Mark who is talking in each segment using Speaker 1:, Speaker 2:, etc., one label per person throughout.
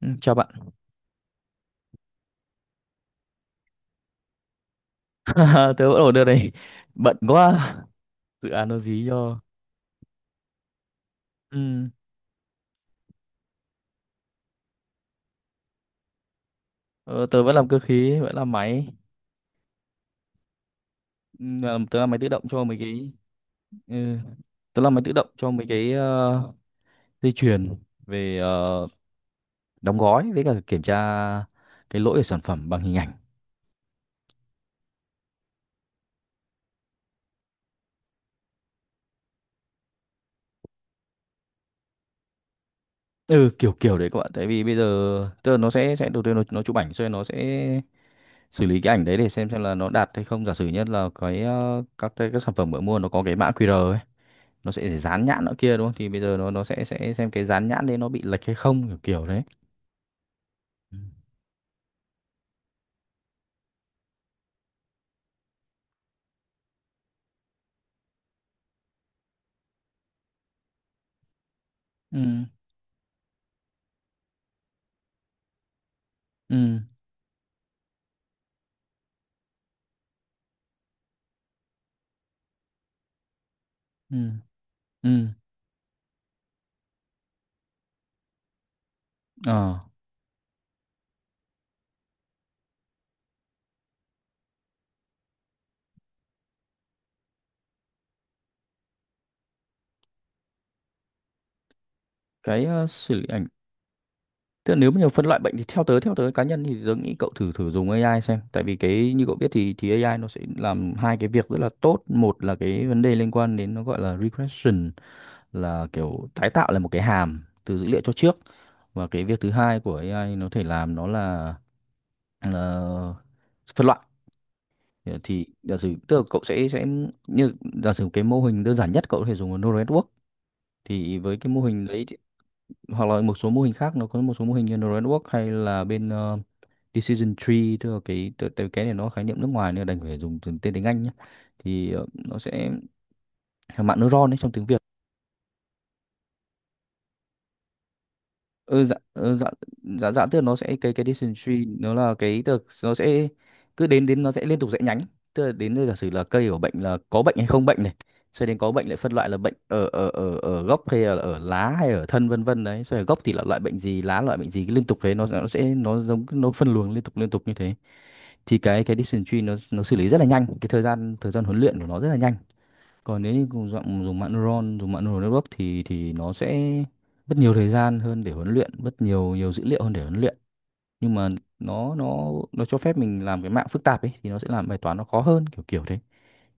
Speaker 1: Ừ, chào bạn. Tớ vẫn ở đây. Bận quá, dự án nó dí cho. Ừ. ờ, Tớ vẫn làm cơ khí, vẫn làm máy. Tớ làm máy tự động cho mấy cái. Ừ. Tớ làm máy tự động cho mấy cái dây chuyền về đóng gói với cả kiểm tra cái lỗi của sản phẩm bằng hình ảnh. Ừ, kiểu kiểu đấy các bạn. Tại vì bây giờ tức là nó sẽ đầu tiên nó chụp ảnh rồi nó sẽ xử lý cái ảnh đấy để xem là nó đạt hay không. Giả sử nhất là cái các sản phẩm mới mua nó có cái mã QR ấy, nó sẽ dán nhãn nữa kia đúng không. Thì bây giờ nó sẽ xem cái dán nhãn đấy nó bị lệch hay không, kiểu kiểu đấy. Ừ. Ừ. Ừ. Ừ. Ừ. Ờ. Cái xử lý ảnh, tức là nếu mà phân loại bệnh thì theo tớ cá nhân thì tớ nghĩ cậu thử thử dùng AI xem. Tại vì cái như cậu biết thì AI nó sẽ làm hai cái việc rất là tốt. Một là cái vấn đề liên quan đến nó gọi là regression, là kiểu tái tạo lại một cái hàm từ dữ liệu cho trước. Và cái việc thứ hai của AI nó thể làm nó là phân loại. Ờ, thì giả sử tức là cậu sẽ như giả sử cái mô hình đơn giản nhất cậu có thể dùng là neural network, thì với cái mô hình đấy hoặc là một số mô hình khác, nó có một số mô hình như neural network hay là bên decision tree. Tức cái này nó khái niệm nước ngoài nên là đành phải dùng tên tiếng Anh nhé. Thì nó sẽ mạng neuron ấy trong tiếng Việt. Ừ, dạ, ừ, dạ, dạ, dạ tức là nó sẽ cái decision tree nó là cái tức là nó sẽ cứ đến đến nó sẽ liên tục rẽ nhánh. Tức là đến đây giả sử là cây của bệnh là có bệnh hay không bệnh này, sau đến có bệnh lại phân loại là bệnh ở ở ở ở gốc hay là ở lá hay ở thân vân vân đấy. Sau ở gốc thì là loại bệnh gì, lá loại bệnh gì, cứ liên tục thế. Nó giống nó phân luồng liên tục như thế. Thì cái decision tree nó xử lý rất là nhanh, cái thời gian huấn luyện của nó rất là nhanh. Còn nếu như cùng dùng dùng mạng neuron, dùng mạng neural network thì nó sẽ mất nhiều thời gian hơn để huấn luyện, mất nhiều nhiều dữ liệu hơn để huấn luyện. Nhưng mà nó cho phép mình làm cái mạng phức tạp ấy, thì nó sẽ làm bài toán nó khó hơn, kiểu kiểu thế.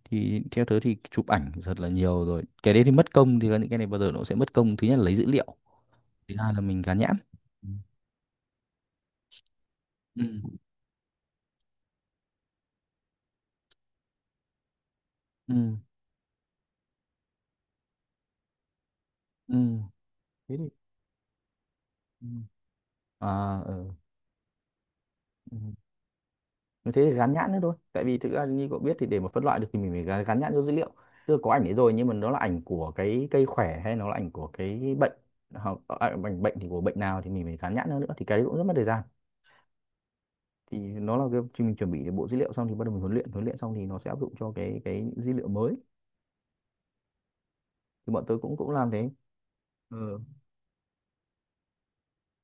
Speaker 1: Thì theo tớ thì chụp ảnh thật là nhiều rồi cái đấy thì mất công. Thì những cái này bao giờ nó sẽ mất công, thứ nhất là lấy dữ liệu, thứ hai là mình gán nhãn. Ừ. Ừ. Ừ. Ừ. Thế thì ừ. À ừ. Ừ. Thế thì gắn nhãn nữa thôi. Tại vì thực ra như cậu biết thì để mà phân loại được thì mình phải gắn nhãn vô dữ liệu, tức là có ảnh đấy rồi nhưng mà nó là ảnh của cái cây khỏe hay nó là ảnh của cái bệnh, hoặc ảnh bệnh thì của bệnh nào thì mình phải gắn nhãn nó nữa, thì cái đấy cũng rất mất thời gian. Thì nó là cái khi mình chuẩn bị được bộ dữ liệu xong thì bắt đầu mình huấn luyện, huấn luyện xong thì nó sẽ áp dụng cho cái dữ liệu mới. Thì bọn tớ cũng cũng làm thế. Ừ.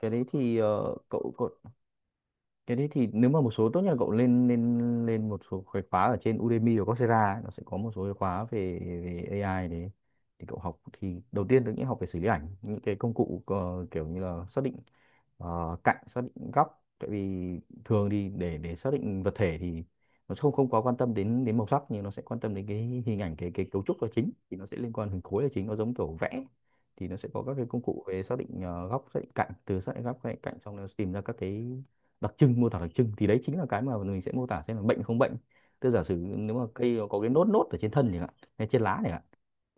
Speaker 1: Cái đấy thì cậu cái đấy thì nếu mà một số tốt nhất là cậu lên lên lên một số cái khóa ở trên Udemy hoặc Coursera ấy, nó sẽ có một số cái khóa về về AI đấy. Thì cậu học thì đầu tiên tôi nghĩ học về xử lý ảnh, những cái công cụ kiểu như là xác định cạnh, xác định góc. Tại vì thường thì để xác định vật thể thì nó sẽ không không quá quan tâm đến đến màu sắc nhưng nó sẽ quan tâm đến cái hình ảnh, cái cấu trúc là chính. Thì nó sẽ liên quan hình khối là chính, nó giống kiểu vẽ. Thì nó sẽ có các cái công cụ về xác định góc, xác định cạnh. Xác định góc, xác định cạnh xong nó tìm ra các cái đặc trưng, mô tả đặc trưng. Thì đấy chính là cái mà mình sẽ mô tả xem là bệnh không bệnh. Tức giả sử nếu mà cây nó có cái nốt nốt ở trên thân thì hạn, hay trên lá này,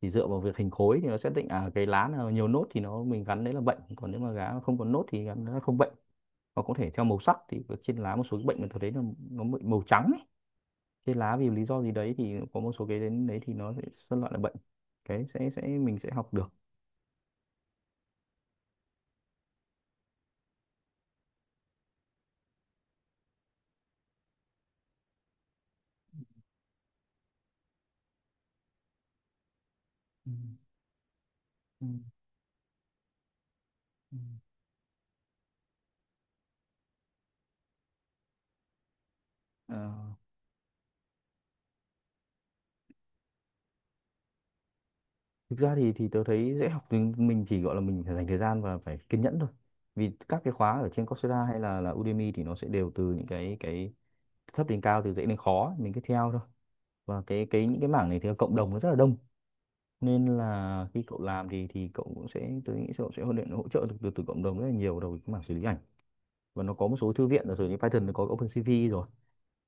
Speaker 1: thì dựa vào việc hình khối thì nó sẽ định à cái lá nào nhiều nốt thì mình gắn đấy là bệnh, còn nếu mà lá không có nốt thì gắn nó không bệnh. Hoặc có thể theo màu sắc thì trên lá một số cái bệnh mình thấy là nó bị màu trắng ấy, trên lá vì lý do gì đấy, thì có một số cái đến đấy thì nó sẽ phân loại là bệnh. Cái sẽ mình sẽ học được. Ừ, ừ, ừ. Ờ, thực ra thì tớ thấy dễ học. Thì mình chỉ gọi là mình phải dành thời gian và phải kiên nhẫn thôi. Vì các cái khóa ở trên Coursera hay là Udemy thì nó sẽ đều từ những cái thấp đến cao, từ dễ đến khó, mình cứ theo thôi. Và cái những cái mảng này thì cộng đồng nó rất là đông, nên là khi cậu làm thì cậu cũng sẽ, tôi nghĩ cậu sẽ hỗ trợ được từ cộng đồng rất là nhiều đầu cái mảng xử lý ảnh. Và nó có một số thư viện là sử dụng Python, nó có OpenCV rồi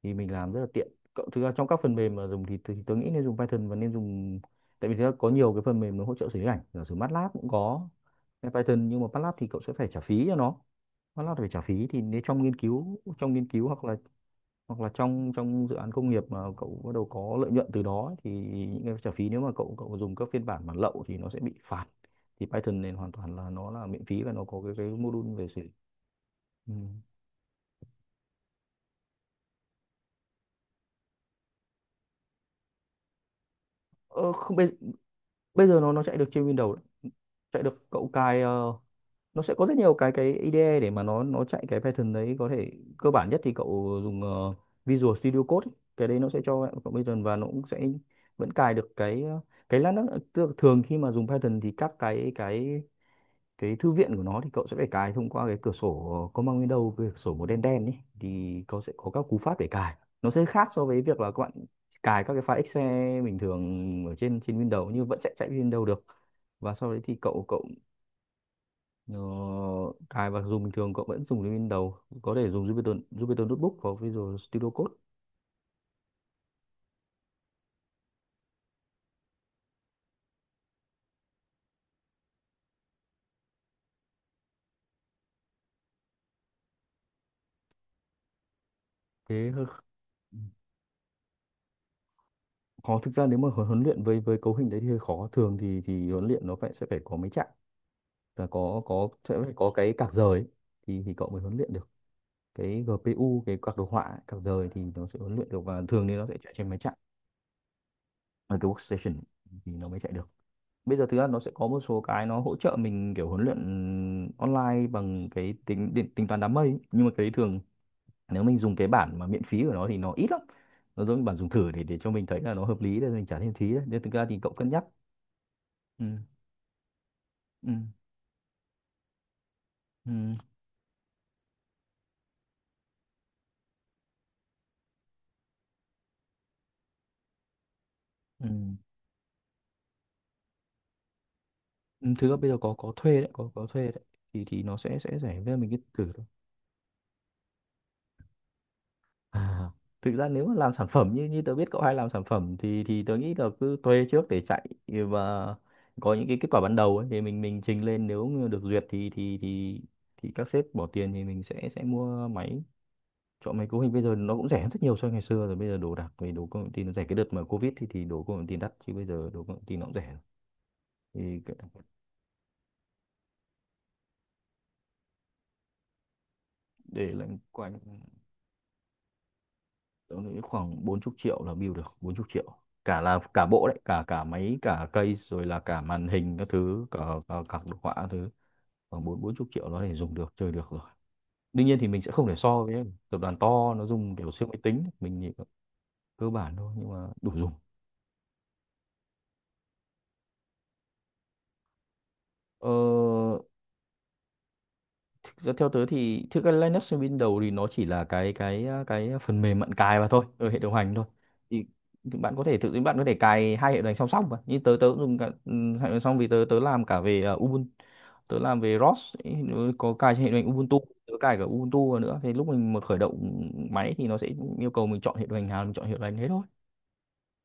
Speaker 1: thì mình làm rất là tiện. Cậu thực ra trong các phần mềm mà dùng thì tôi nghĩ nên dùng Python và nên dùng. Tại vì thực có nhiều cái phần mềm nó hỗ trợ xử lý ảnh, giả sử MATLAB cũng có Python, nhưng mà MATLAB thì cậu sẽ phải trả phí cho nó. MATLAB phải trả phí, thì nếu trong nghiên cứu, hoặc là trong trong dự án công nghiệp mà cậu bắt đầu có lợi nhuận từ đó ấy, thì những cái trả phí nếu mà cậu cậu dùng các phiên bản bản lậu thì nó sẽ bị phạt. Thì Python này hoàn toàn là nó là miễn phí và nó có cái module về xử lý. Ừ. ờ, không bây, Bây giờ nó chạy được trên Windows đấy. Chạy được, cậu cài nó sẽ có rất nhiều cái IDE để mà nó chạy cái Python đấy. Có thể cơ bản nhất thì cậu dùng Visual Studio Code ấy. Cái đấy nó sẽ cho cậu Python và nó cũng sẽ vẫn cài được cái cái lát nữa, tức là thường khi mà dùng Python thì các cái thư viện của nó thì cậu sẽ phải cài thông qua cái cửa sổ command window, cái cửa sổ màu đen đen ấy. Thì cậu sẽ có các cú pháp để cài, nó sẽ khác so với việc là các bạn cài các cái file Excel bình thường ở trên trên Windows, nhưng vẫn chạy chạy Windows được. Và sau đấy thì cậu cậu ờ, cài và dùng bình thường, cậu vẫn dùng đến Windows, có thể dùng Jupyter Jupyter Notebook và Visual Studio Code. Thế hơi khó, thực ra nếu mà huấn huấn luyện với cấu hình đấy thì hơi khó. Thường thì huấn luyện nó sẽ phải có mấy chặng và có sẽ phải có cái cạc rời ấy, thì cậu mới huấn luyện được. Cái GPU, cái card đồ họa ấy, card rời thì nó sẽ huấn luyện được. Và thường thì nó sẽ chạy trên máy chạy ở cái workstation thì nó mới chạy được. Bây giờ thứ ra nó sẽ có một số cái nó hỗ trợ mình kiểu huấn luyện online bằng cái tính toán đám mây ấy. Nhưng mà cái đấy thường nếu mình dùng cái bản mà miễn phí của nó thì nó ít lắm. Nó giống như bản dùng thử để cho mình thấy là nó hợp lý để mình trả thêm phí đấy, nên thực ra thì cậu cân nhắc. Ừ, ừ, ừ, ừ. Ừ, thực ra bây giờ có thuê đấy, có thuê đấy. Thì nó sẽ rẻ với mình, cái thử thôi. À, thực ra nếu mà làm sản phẩm, như như tớ biết cậu hay làm sản phẩm, thì tớ nghĩ là cứ thuê trước để chạy và có những cái kết quả ban đầu ấy, thì mình trình lên. Nếu như được duyệt thì các sếp bỏ tiền thì mình sẽ mua máy, chọn máy. Cấu hình bây giờ nó cũng rẻ hơn rất nhiều so với ngày xưa rồi. Bây giờ đồ đạc về đồ công nghệ tin nó rẻ. Cái đợt mà covid thì đồ công nghệ tin đắt, chứ bây giờ đồ công nghệ tin nó cũng rẻ. thì cái- để lại quanh, tôi nghĩ khoảng 40 triệu là build được. 40 triệu cả, là cả bộ đấy, cả cả máy, cả case, rồi là cả màn hình các thứ, cả cả, cả đồ họa các thứ. Khoảng bốn bốn chục triệu nó để dùng được, chơi được rồi. Đương nhiên thì mình sẽ không thể so với tập đoàn to nó dùng kiểu siêu máy tính, mình chỉ cơ bản thôi nhưng mà đủ dùng. ờ, Thực ra theo tớ thì thực ra Linux trên Windows thì nó chỉ là cái phần mềm bạn cài vào thôi, ở hệ điều hành thôi. Thì thì bạn có thể tự bạn có thể cài hai hệ điều hành song song mà. Như tớ tớ cũng dùng cả, hệ điều hành song, vì tớ tớ làm cả về Ubuntu, tớ làm về ROS ấy, nó có cài trên hệ điều hành Ubuntu, tớ cài cả Ubuntu vào nữa. Thì lúc mình một khởi động máy thì nó sẽ yêu cầu mình chọn hệ điều hành nào, mình chọn hệ điều hành thế thôi.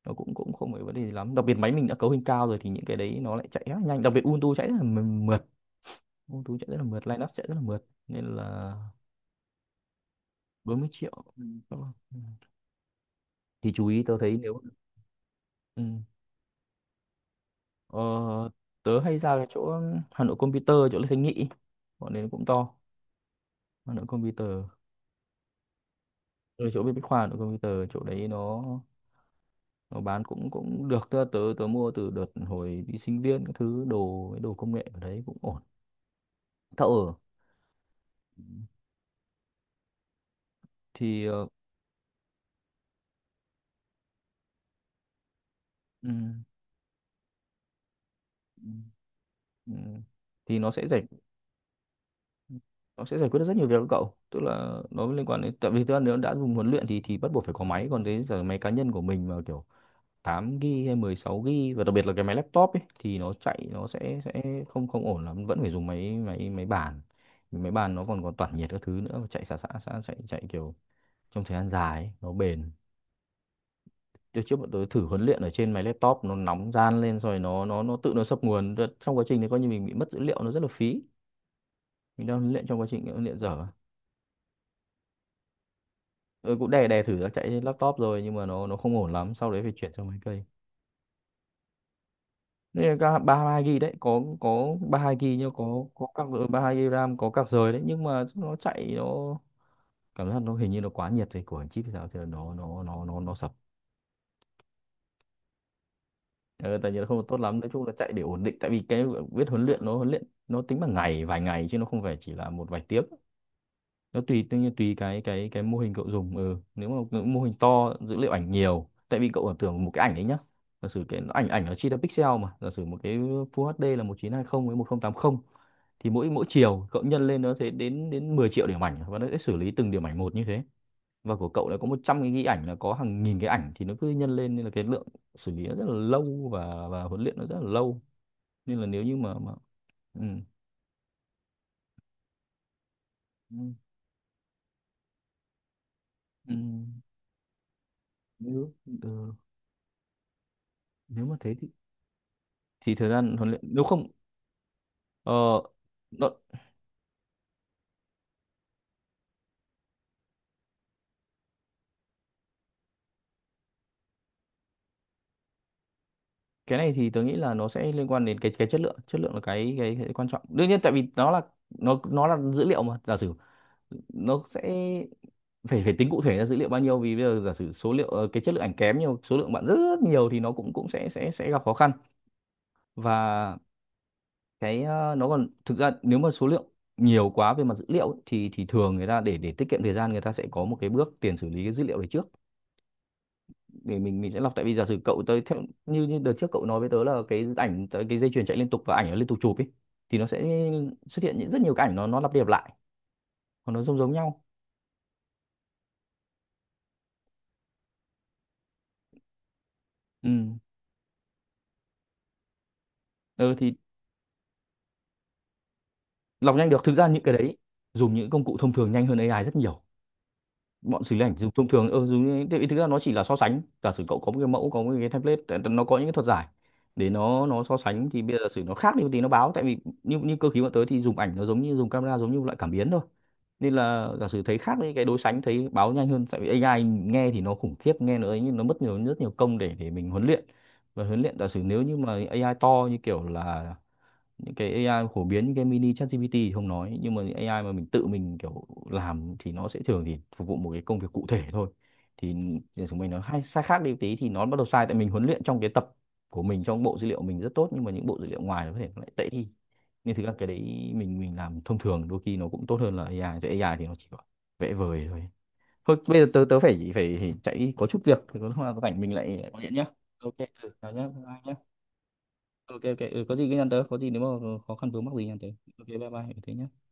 Speaker 1: Nó cũng cũng không phải vấn đề gì lắm. Đặc biệt máy mình đã cấu hình cao rồi thì những cái đấy nó lại chạy rất nhanh. Đặc biệt Ubuntu chạy rất là mượt. Ubuntu chạy rất là mượt, Linux chạy rất là mượt, nên là 40 triệu. Ừ, các bạn. Ừ. Thì chú ý tớ thấy nếu, ừ, ờ, tớ hay ra cái chỗ Hà Nội Computer chỗ Lê Thanh Nghị, bọn đấy cũng to. Hà Nội Computer ở chỗ bên Bách Khoa, Hà Nội Computer chỗ đấy, nó bán cũng cũng được. Tớ tớ, tớ mua từ đợt hồi đi sinh viên các thứ, đồ đồ công nghệ ở đấy cũng ổn. Thợ thì ừ, ừ, ừ, thì nó sẽ giải quyết được rất nhiều việc cho cậu, tức là nó liên quan đến, tại vì tớ nếu đã dùng huấn luyện thì bắt buộc phải có máy. Còn đấy giờ máy cá nhân của mình mà kiểu 8 GB hay 16 GB và đặc biệt là cái máy laptop ấy thì nó chạy, nó sẽ không không ổn lắm, vẫn phải dùng máy máy máy bàn. Vì máy bàn nó còn còn tản nhiệt các thứ nữa, chạy xả xả xả chạy chạy kiểu trong thời gian dài ấy, nó bền. Trước trước bọn tôi thử huấn luyện ở trên máy laptop, nó nóng ran lên rồi nó tự nó sập nguồn. Trong quá trình đấy coi như mình bị mất dữ liệu, nó rất là phí. Mình đang huấn luyện, trong quá trình huấn luyện dở. Ừ, cũng đè đè thử nó chạy trên laptop rồi, nhưng mà nó không ổn lắm, sau đấy phải chuyển sang máy cây. Đây là 32 GB đấy, có 32 GB, nhưng có các, 32 GB ram, có các rời đấy, nhưng mà nó chạy, nó cảm giác nó hình như nó quá nhiệt rồi, của anh chip thì sao thì nó sập. Ừ, tại vì nó không tốt lắm, nói chung là chạy để ổn định, tại vì cái viết huấn luyện nó huấn luyện, nó tính bằng ngày, vài ngày, chứ nó không phải chỉ là một vài tiếng. Nó tùy, tự nhiên tùy cái mô hình cậu dùng. Ừ. Nếu mà cậu mô hình to, dữ liệu ảnh nhiều, tại vì cậu tưởng tượng một cái ảnh đấy nhá, giả sử cái ảnh ảnh nó chia ra pixel, mà giả sử một cái Full HD là 1920 với 1080, thì mỗi mỗi chiều cậu nhân lên nó sẽ đến đến 10 triệu điểm ảnh, và nó sẽ xử lý từng điểm ảnh một như thế. Và của cậu đã có 100 cái ghi ảnh là có hàng nghìn cái ảnh, thì nó cứ nhân lên nên là cái lượng xử lý nó rất là lâu, và huấn luyện nó rất là lâu, nên là nếu như mà ừ. Ừ. Ừ. Nếu, ừ. Nếu mà thế thì thời gian huấn luyện nếu không, ờ, nó, cái này thì tớ nghĩ là nó sẽ liên quan đến cái chất lượng. Chất lượng là cái quan trọng đương nhiên, tại vì nó là, nó là dữ liệu mà giả sử nó sẽ phải phải tính cụ thể là dữ liệu bao nhiêu. Vì bây giờ giả sử số liệu, cái chất lượng ảnh kém, nhiều số lượng bạn rất, rất nhiều thì nó cũng cũng sẽ gặp khó khăn. Và cái nó còn, thực ra nếu mà số lượng nhiều quá về mặt dữ liệu ấy thì thường người ta, để tiết kiệm thời gian, người ta sẽ có một cái bước tiền xử lý cái dữ liệu đấy trước, để mình sẽ lọc. Tại vì giả sử cậu tới theo như như đợt trước cậu nói với tớ là cái ảnh tới cái dây chuyền chạy liên tục và ảnh nó liên tục chụp ấy, thì nó sẽ xuất hiện những rất nhiều cái ảnh, nó lặp đi lặp lại hoặc nó giống giống nhau. Ừ. Ừ thì lọc nhanh được. Thực ra những cái đấy dùng những công cụ thông thường nhanh hơn AI rất nhiều. Bọn xử lý ảnh dùng thông thường, ừ, dùng thì thực ra nó chỉ là so sánh, giả sử cậu có một cái mẫu, có một cái template, nó có những cái thuật giải để nó so sánh, thì bây giờ giả sử nó khác đi một tí nó báo. Tại vì như như cơ khí bọn tới thì dùng ảnh nó giống như dùng camera, giống như loại cảm biến thôi, nên là giả sử thấy khác với cái đối sánh thấy báo nhanh hơn. Tại vì AI nghe thì nó khủng khiếp, nghe nó ấy, nhưng nó mất nhiều, rất nhiều công để mình huấn luyện. Và huấn luyện, giả sử nếu như mà AI to như kiểu là những cái AI phổ biến, cái mini ChatGPT thì không nói, nhưng mà những AI mà mình tự mình kiểu làm thì nó sẽ thường thì phục vụ một cái công việc cụ thể thôi, thì thì chúng mình nó hay sai, khác đi một tí thì nó bắt đầu sai. Tại mình huấn luyện trong cái tập của mình, trong bộ dữ liệu mình rất tốt, nhưng mà những bộ dữ liệu ngoài nó có thể nó lại tệ đi. Nên thực ra cái đấy mình làm thông thường đôi khi nó cũng tốt hơn là AI. Tại AI thì nó chỉ có vẽ vời thôi. Thôi bây giờ tớ tớ phải phải chạy có chút việc, thì có lúc nào có rảnh mình lại gọi điện nhá. Ok. Ừ, chào nhá, bye bye nhá. Ok, ok. Ừ, có gì cứ nhắn tớ, có gì nếu mà khó khăn vướng mắc gì nhắn tớ. Ok, bye bye. Ừ, thế nhá.